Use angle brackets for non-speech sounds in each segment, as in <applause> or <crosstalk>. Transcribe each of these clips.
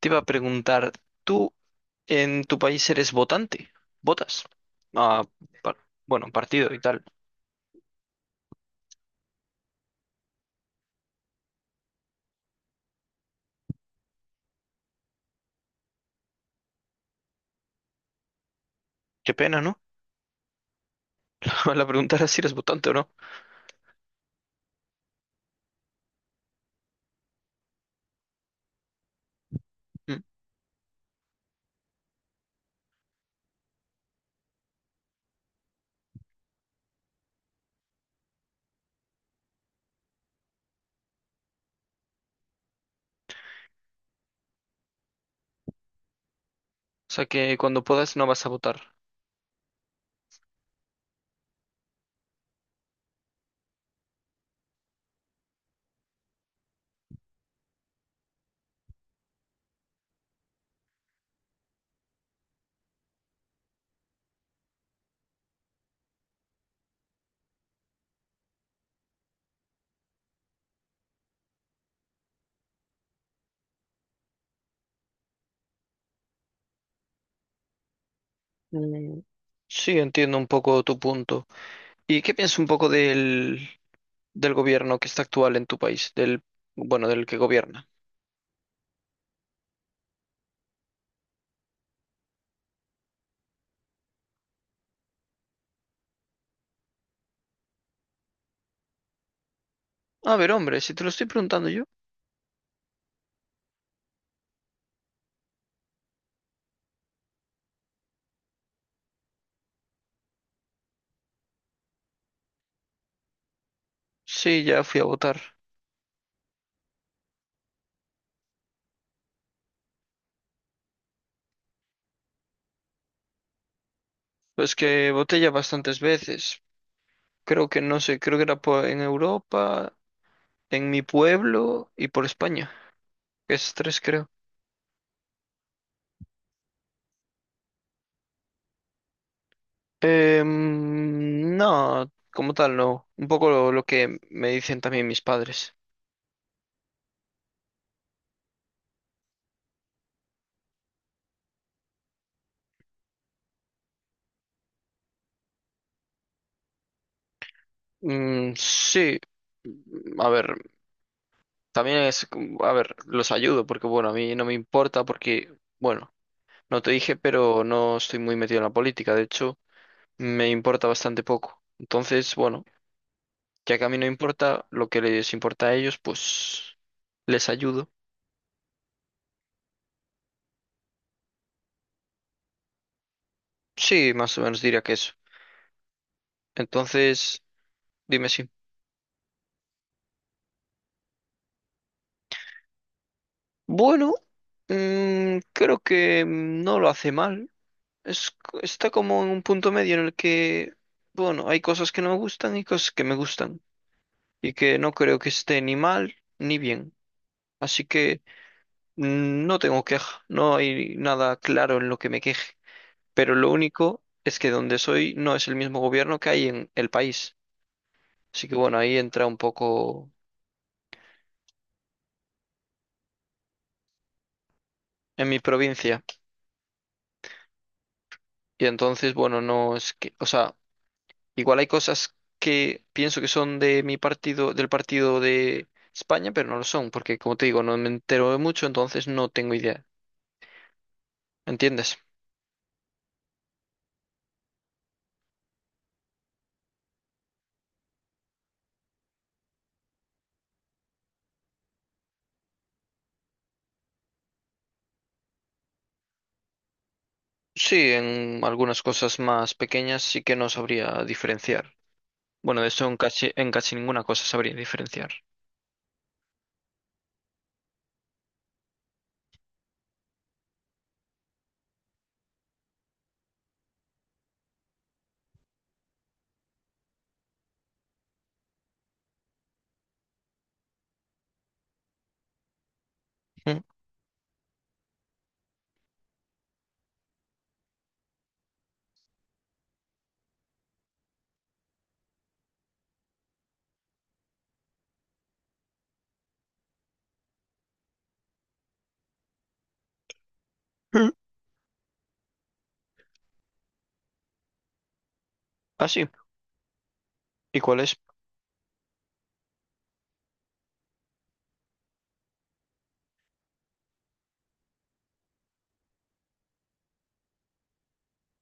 Te iba a preguntar, ¿tú en tu país eres votante? ¿Votas? Ah, par- bueno, partido y tal. Qué pena, ¿no? <laughs> La pregunta era si eres votante o no. Mm. O sea que cuando puedas no vas a votar. Mm, sí, entiendo un poco tu punto. ¿Y qué piensas un poco del gobierno que está actual en tu país? Del, bueno, del que gobierna. A ver, hombre, si te lo estoy preguntando yo. Sí, ya fui a votar. Pues que voté ya bastantes veces. Creo que no sé, creo que era en Europa, en mi pueblo y por España. Es tres creo. Em, no, como tal, no. Un poco lo que me dicen también mis padres. Mm, sí. A ver, también es, a ver, los ayudo porque, bueno, a mí no me importa porque, bueno, no te dije, pero no estoy muy metido en la política. De hecho, me importa bastante poco. Entonces, bueno, ya que a mí no importa lo que les importa a ellos, pues les ayudo. Sí, más o menos diría que eso. Entonces... Dime si. Bueno, creo que no lo hace mal. Es, está como en un punto medio en el que, bueno, hay cosas que no me gustan y cosas que me gustan. Y que no creo que esté ni mal ni bien. Así que no tengo queja. No hay nada claro en lo que me queje. Pero lo único es que donde soy no es el mismo gobierno que hay en el país. Así que bueno, ahí entra un poco en mi provincia. Y entonces, bueno, no es que, o sea. Igual hay cosas que pienso que son de mi partido, del partido de España, pero no lo son, porque como te digo, no me entero de mucho, entonces no tengo idea. ¿Entiendes? Sí, en algunas cosas más pequeñas sí que no sabría diferenciar. Bueno, de eso en casi ninguna cosa sabría diferenciar. Mm. Mm. Ah, sí. ¿Y cuál es?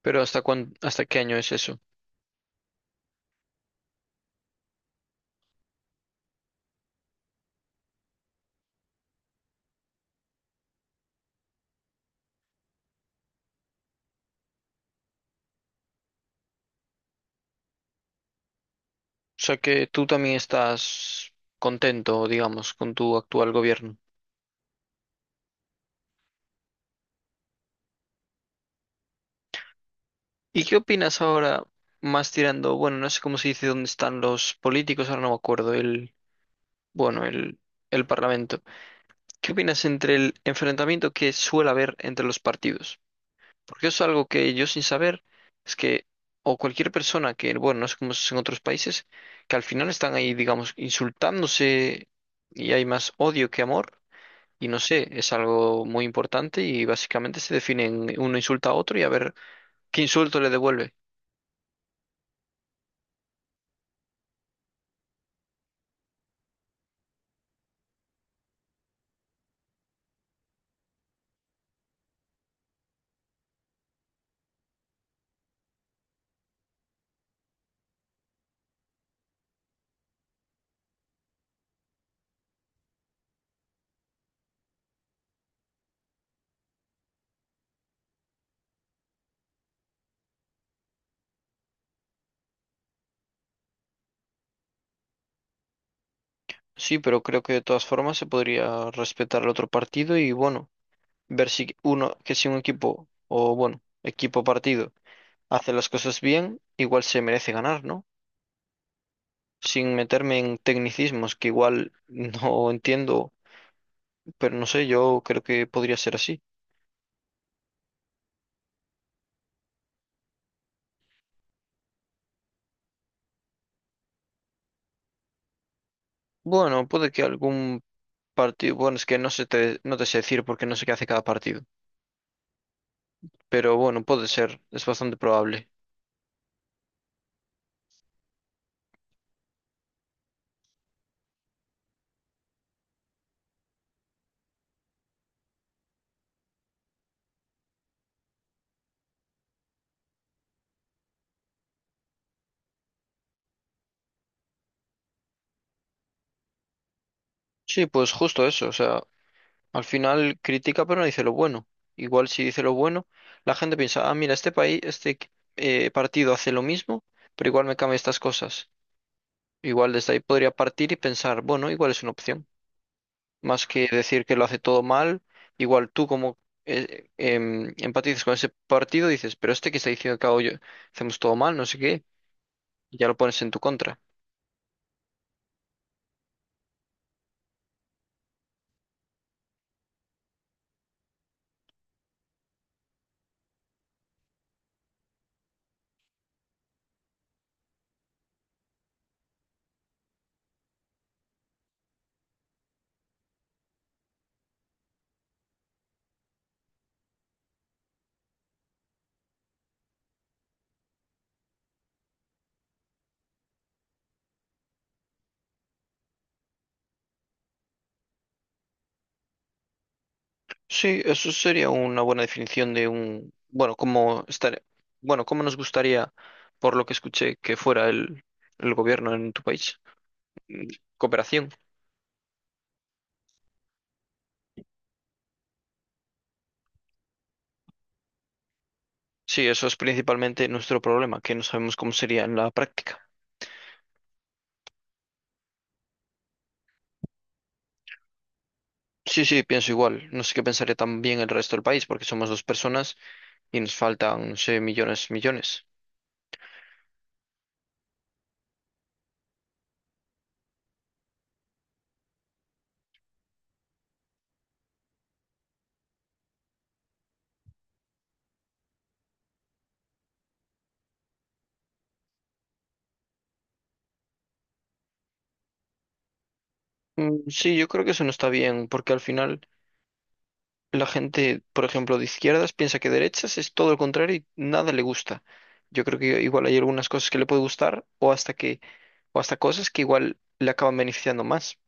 Pero ¿hasta qué año es eso? O sea que tú también estás contento, digamos, con tu actual gobierno. ¿Y qué opinas ahora más tirando, bueno, no sé cómo se dice dónde están los políticos, ahora no me acuerdo, el, bueno, el Parlamento. ¿Qué opinas entre el enfrentamiento que suele haber entre los partidos? Porque eso es algo que yo sin saber es que, o cualquier persona que, bueno, no sé cómo es en otros países, que al final están ahí, digamos, insultándose y hay más odio que amor. Y no sé, es algo muy importante y básicamente se definen, uno insulta a otro y a ver qué insulto le devuelve. Sí, pero creo que de todas formas se podría respetar al otro partido y bueno, ver si uno, que si un equipo, o bueno, equipo partido, hace las cosas bien, igual se merece ganar, ¿no? Sin meterme en tecnicismos que igual <laughs> no entiendo, pero no sé, yo creo que podría ser así. Bueno, puede que algún partido, bueno, es que no te sé decir porque no sé qué hace cada partido, pero bueno, puede ser, es bastante probable. Sí, pues justo eso, o sea, al final critica pero no dice lo bueno. Igual si dice lo bueno, la gente piensa, ah, mira, este país, partido hace lo mismo, pero igual me cambia estas cosas. Igual desde ahí podría partir y pensar, bueno, igual es una opción. Más que decir que lo hace todo mal, igual tú como empatizas con ese partido, dices, pero este que está diciendo que hago yo, hacemos todo mal, no sé qué, y ya lo pones en tu contra. Sí, eso sería una buena definición de un, bueno, cómo estar, bueno, cómo nos gustaría, por lo que escuché, que fuera el gobierno en tu país. Mm, cooperación. Sí, eso es principalmente nuestro problema, que no sabemos cómo sería en la práctica. Sí, sí, pienso igual. No sé qué pensaría también el resto del país, porque somos dos personas y nos faltan, no sé, millones. Mm, sí, yo creo que eso no está bien, porque al final la gente, por ejemplo, de izquierdas piensa que derechas es todo lo contrario y nada le gusta. Yo creo que igual hay algunas cosas que le puede gustar o hasta que, o hasta cosas que igual le acaban beneficiando más.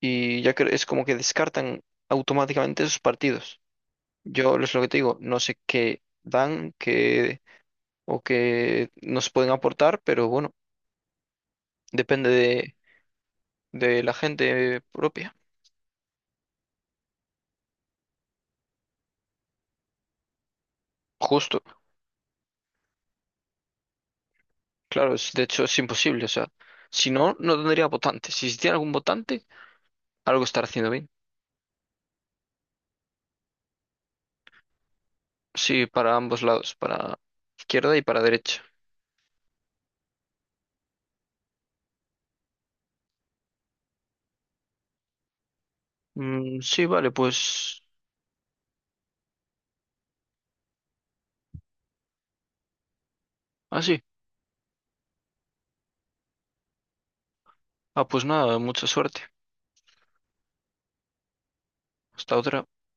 Y ya que es como que descartan automáticamente esos partidos. Yo es lo que te digo, no sé qué dan, qué o qué nos pueden aportar, pero bueno, depende de la gente propia. Justo. Claro, es- de hecho es imposible, o sea, si no, no tendría votantes. Si existiera algún votante, algo estará haciendo bien. Sí, para ambos lados, para izquierda y para derecha. Mm, sí, vale, pues... Ah, sí. Ah, pues nada, mucha suerte. Hasta otra.